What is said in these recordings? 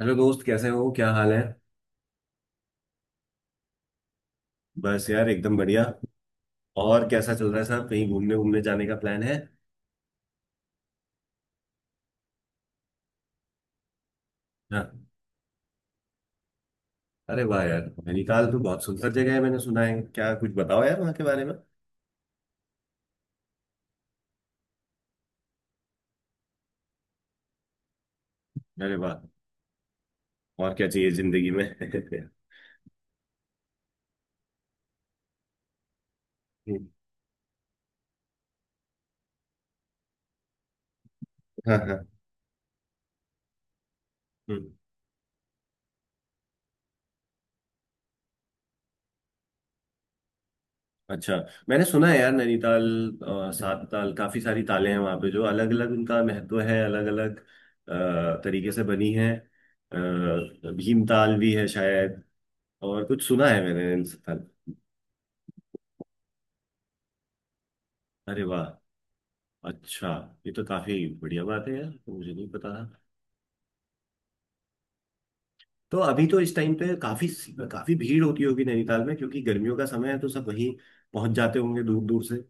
Hello दोस्त, कैसे हो? क्या हाल है? बस यार, एकदम बढ़िया। और कैसा चल रहा है साहब? कहीं घूमने घूमने जाने का प्लान है? हाँ। अरे वाह यार, नैनीताल तो बहुत सुंदर जगह है, मैंने सुना है। क्या कुछ बताओ यार वहाँ के बारे में। अरे वाह, और क्या चाहिए जिंदगी में। हम्म। हाँ हाँ। हम्म। अच्छा। मैंने सुना है यार नैनीताल, सात ताल, काफी सारी तालें हैं वहाँ पे, जो अलग अलग उनका महत्व है, अलग अलग तरीके से बनी है। भीम ताल भी है शायद। और कुछ सुना है मैंने इन सब ताल। अरे वाह। अच्छा, ये तो काफी बढ़िया बात है यार, तो मुझे नहीं पता था। तो अभी तो इस टाइम पे काफी काफी भीड़ होती होगी नैनीताल में, क्योंकि गर्मियों का समय है तो सब वहीं पहुंच जाते होंगे दूर दूर से।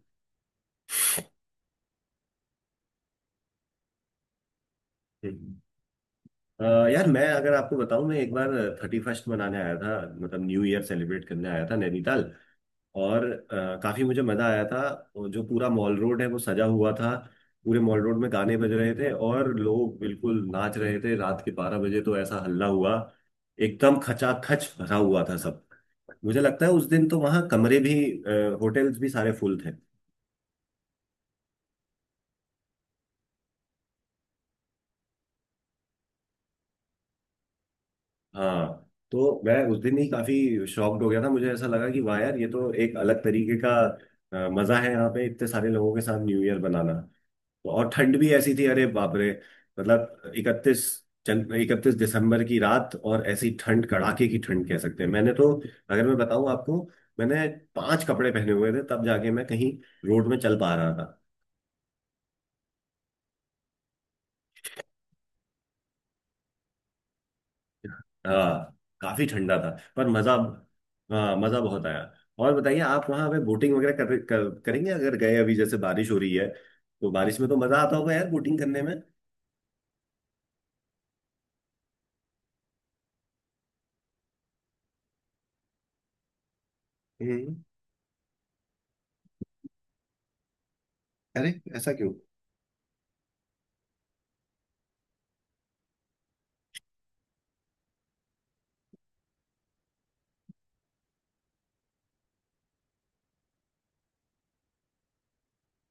हम्म। अ, यार मैं अगर आपको बताऊं, मैं एक बार 31st मनाने आया था, मतलब न्यू ईयर सेलिब्रेट करने आया था नैनीताल। और काफी मुझे मजा आया था। और जो पूरा मॉल रोड है वो सजा हुआ था। पूरे मॉल रोड में गाने बज रहे थे और लोग बिल्कुल नाच रहे थे रात के 12 बजे। तो ऐसा हल्ला हुआ, एकदम खचाखच भरा हुआ था सब। मुझे लगता है उस दिन तो वहाँ कमरे भी, होटल्स भी सारे फुल थे। हाँ तो मैं उस दिन ही काफी शॉक्ड हो गया था, मुझे ऐसा लगा कि वाह यार, ये तो एक अलग तरीके का मजा है यहाँ पे, इतने सारे लोगों के साथ न्यू ईयर बनाना। और ठंड भी ऐसी थी, अरे बाप रे। मतलब 31 दिसंबर की रात और ऐसी ठंड, कड़ाके की ठंड कह सकते हैं। मैंने तो, अगर मैं बताऊं आपको, मैंने पांच कपड़े पहने हुए थे, तब जाके मैं कहीं रोड में चल पा रहा था। हाँ काफी ठंडा था। पर मजा, हाँ मजा बहुत आया। और बताइए, आप वहां पे बोटिंग वगैरह कर, कर, करेंगे? अगर गए अभी, जैसे बारिश हो रही है तो बारिश में तो मजा आता होगा यार बोटिंग करने में। हम्म। अरे ऐसा क्यों?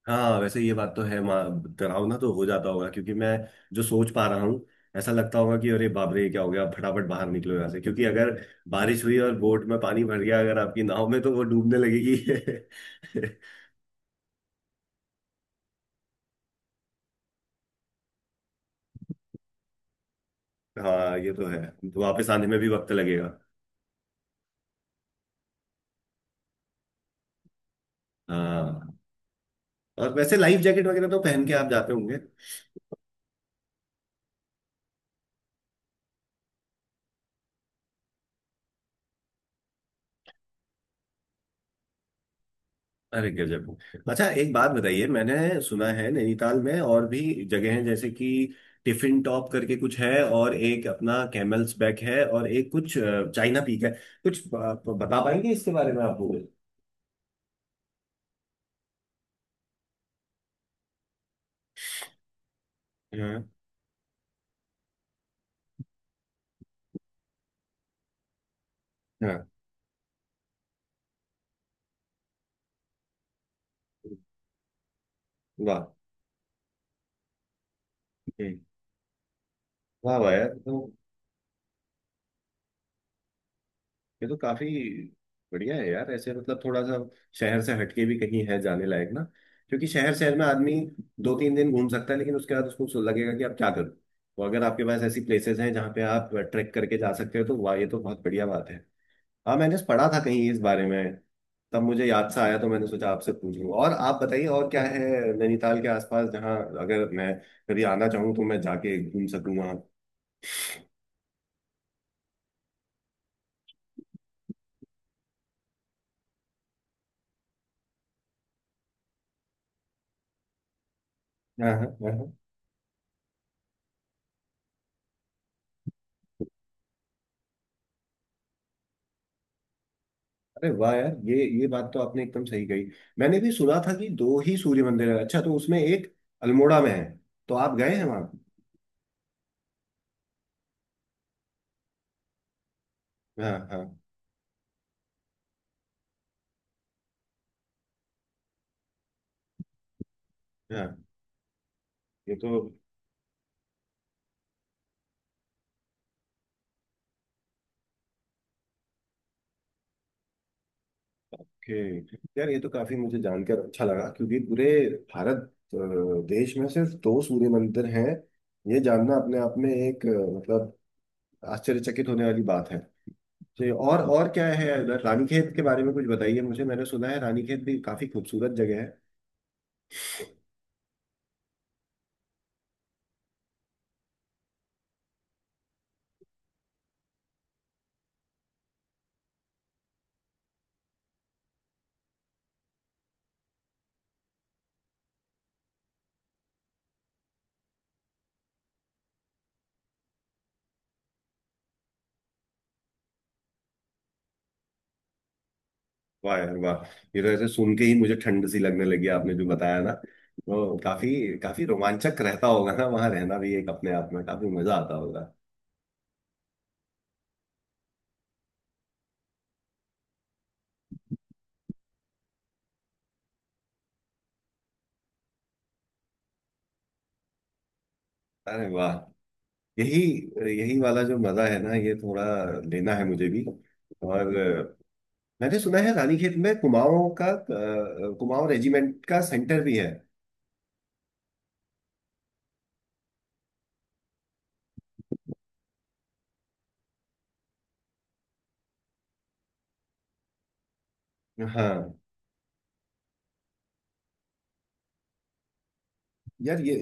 हाँ वैसे ये बात तो है, माँ कराओ ना तो हो जाता होगा, क्योंकि मैं जो सोच पा रहा हूँ, ऐसा लगता होगा कि अरे बाप रे क्या हो गया, फटाफट बाहर निकलो यहाँ से, क्योंकि अगर बारिश हुई और बोट में पानी भर गया, अगर आपकी नाव में, तो वो डूबने लगेगी। हाँ ये तो है, वापस आने में भी वक्त लगेगा। हाँ। और वैसे लाइफ जैकेट वगैरह तो पहन के आप जाते होंगे। अरे गजब। अच्छा एक बात बताइए, मैंने सुना है नैनीताल में और भी जगह हैं, जैसे कि टिफिन टॉप करके कुछ है, और एक अपना कैमल्स बैक है, और एक कुछ चाइना पीक है। कुछ आप बता पाएंगे इसके बारे में, आप मुझे? हाँ हाँ। वाह। हम्म। वाह वाह यार, ये तो काफी बढ़िया है यार। ऐसे मतलब थोड़ा सा शहर से हटके भी कहीं है जाने लायक ना, क्योंकि शहर शहर में आदमी दो तीन दिन घूम सकता है, लेकिन उसके बाद उसको लगेगा कि अब क्या करूं। तो अगर आपके पास ऐसी प्लेसेस हैं जहाँ पे आप ट्रैक करके जा सकते हो, तो वाह, ये तो बहुत बढ़िया बात है। हाँ, मैंने पढ़ा था कहीं इस बारे में, तब मुझे याद सा आया, तो मैंने सोचा आपसे पूछ लूं। और आप बताइए और क्या है नैनीताल के आसपास, जहाँ अगर मैं कभी आना चाहूँ तो मैं जाके घूम सकूँ वहाँ। हाँ हाँ हाँ। अरे वाह यार, ये बात तो आपने एकदम सही कही। मैंने भी सुना था कि दो ही सूर्य मंदिर है। अच्छा, तो उसमें एक अल्मोड़ा में है? तो आप गए हैं वहाँ? हाँ हाँ हाँ। ये तो ओके। यार ये तो काफी मुझे जानकर अच्छा लगा, क्योंकि पूरे भारत अ, देश में सिर्फ दो सूर्य मंदिर हैं, ये जानना अपने आप में एक मतलब आश्चर्यचकित होने वाली बात है। तो ये, और क्या है इधर, रानीखेत के बारे में कुछ बताइए मुझे। मैंने सुना है रानीखेत भी काफी खूबसूरत जगह है। वाह यार वाह। ये तो ऐसे सुन के ही मुझे ठंड सी लगने लगी आपने जो बताया ना, तो काफी काफी रोमांचक रहता होगा ना, वहां रहना भी एक अपने आप में काफी मजा आता होगा। अरे वाह। यही यही वाला जो मजा है ना, ये थोड़ा लेना है मुझे भी। और मैंने सुना है रानीखेत में कुमाऊं का कुमाऊं रेजिमेंट का सेंटर भी है। हाँ यार, ये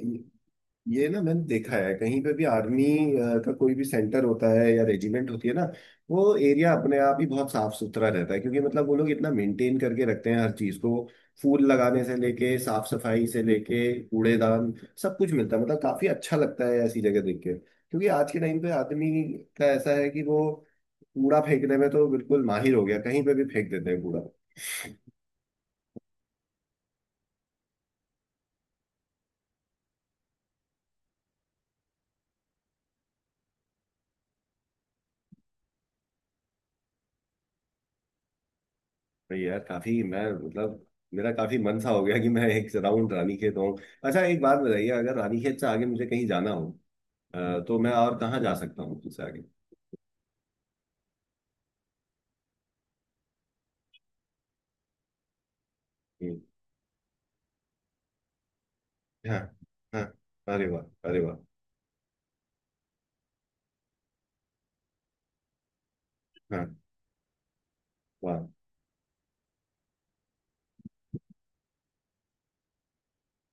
ये ना मैंने देखा है कहीं पे भी आर्मी का कोई भी सेंटर होता है या रेजिमेंट होती है ना, वो एरिया अपने आप ही बहुत साफ सुथरा रहता है, क्योंकि मतलब वो लोग इतना मेंटेन करके रखते हैं हर चीज को। फूल लगाने से लेके, साफ सफाई से लेके, कूड़ेदान, सब कुछ मिलता है। मतलब काफी अच्छा लगता है ऐसी जगह देख के, क्योंकि आज के टाइम पे आदमी का ऐसा है कि वो कूड़ा फेंकने में तो बिल्कुल माहिर हो गया, कहीं पे भी फेंक देते हैं कूड़ा। भाई यार काफी, मैं मतलब, मेरा काफी मन सा हो गया कि मैं एक राउंड रानी खेत हूँ। अच्छा एक बात बताइए, अगर रानी खेत से आगे मुझे कहीं जाना हो तो मैं और कहाँ जा सकता हूँ उससे आगे? हम्म। हाँ हाँ। अरे वाह। अरे वाह। हाँ। वाह।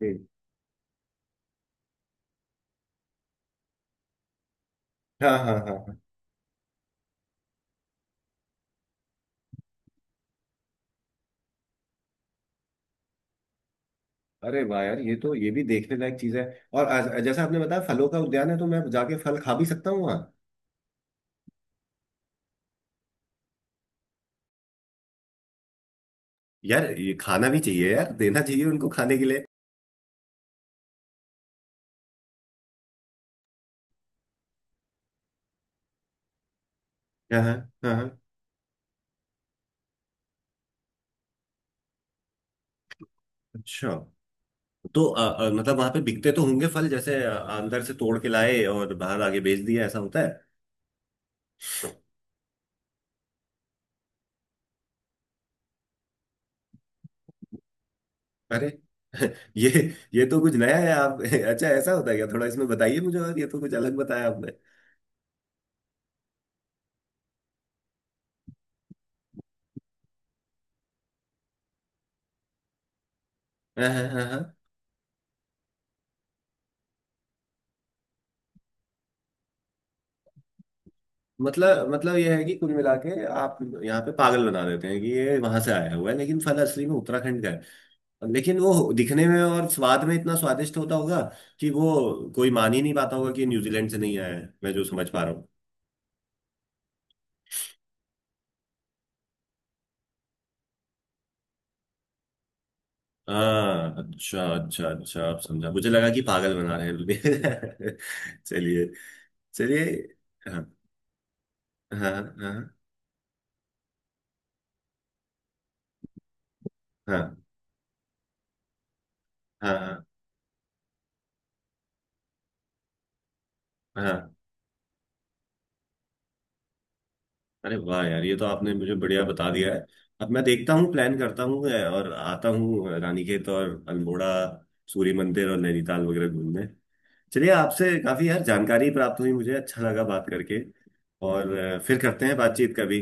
हम्म। हाँ हाँ हाँ। अरे वाह यार, ये तो ये भी देखने लायक चीज है। और जैसा आपने बताया फलों का उद्यान है, तो मैं जाके फल खा भी सकता हूँ वहाँ? यार ये खाना भी चाहिए यार, देना चाहिए उनको खाने के लिए। हाँ हाँ। हाँ, हाँ। अच्छा, तो मतलब वहां पे बिकते तो होंगे फल, जैसे अंदर से तोड़ के लाए और बाहर आगे बेच दिया, ऐसा होता है? अरे, ये ये तो कुछ नया है आप। अच्छा ऐसा होता है क्या? थोड़ा इसमें बताइए मुझे, और ये तो कुछ अलग बताया आपने। हाँ हाँ हाँ हाँ। मतलब मतलब ये है कि कुल मिला के आप यहाँ पे पागल बना देते हैं कि ये वहां से आया हुआ है, लेकिन फल असली में उत्तराखंड का है। लेकिन वो दिखने में और स्वाद में इतना स्वादिष्ट होता होगा कि वो कोई मान ही नहीं पाता होगा कि ये न्यूजीलैंड से नहीं आया है, मैं जो समझ पा रहा हूँ। हाँ अच्छा अच्छा अच्छा, आप समझा। मुझे लगा कि पागल बना रहे हैं बिल्कुल। चलिए, चलिए। हाँ हाँ हाँ। हाँ हाँ हाँ। अरे वाह यार, ये तो आपने मुझे बढ़िया बता दिया है। अब मैं देखता हूँ, प्लान करता हूँ मैं, और आता हूँ रानीखेत और अल्मोड़ा सूर्य मंदिर और नैनीताल वगैरह घूमने। चलिए, आपसे काफी यार जानकारी प्राप्त हुई, मुझे अच्छा लगा बात करके। और फिर करते हैं बातचीत कभी।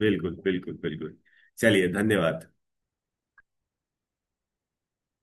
बिल्कुल बिल्कुल बिल्कुल। चलिए, धन्यवाद।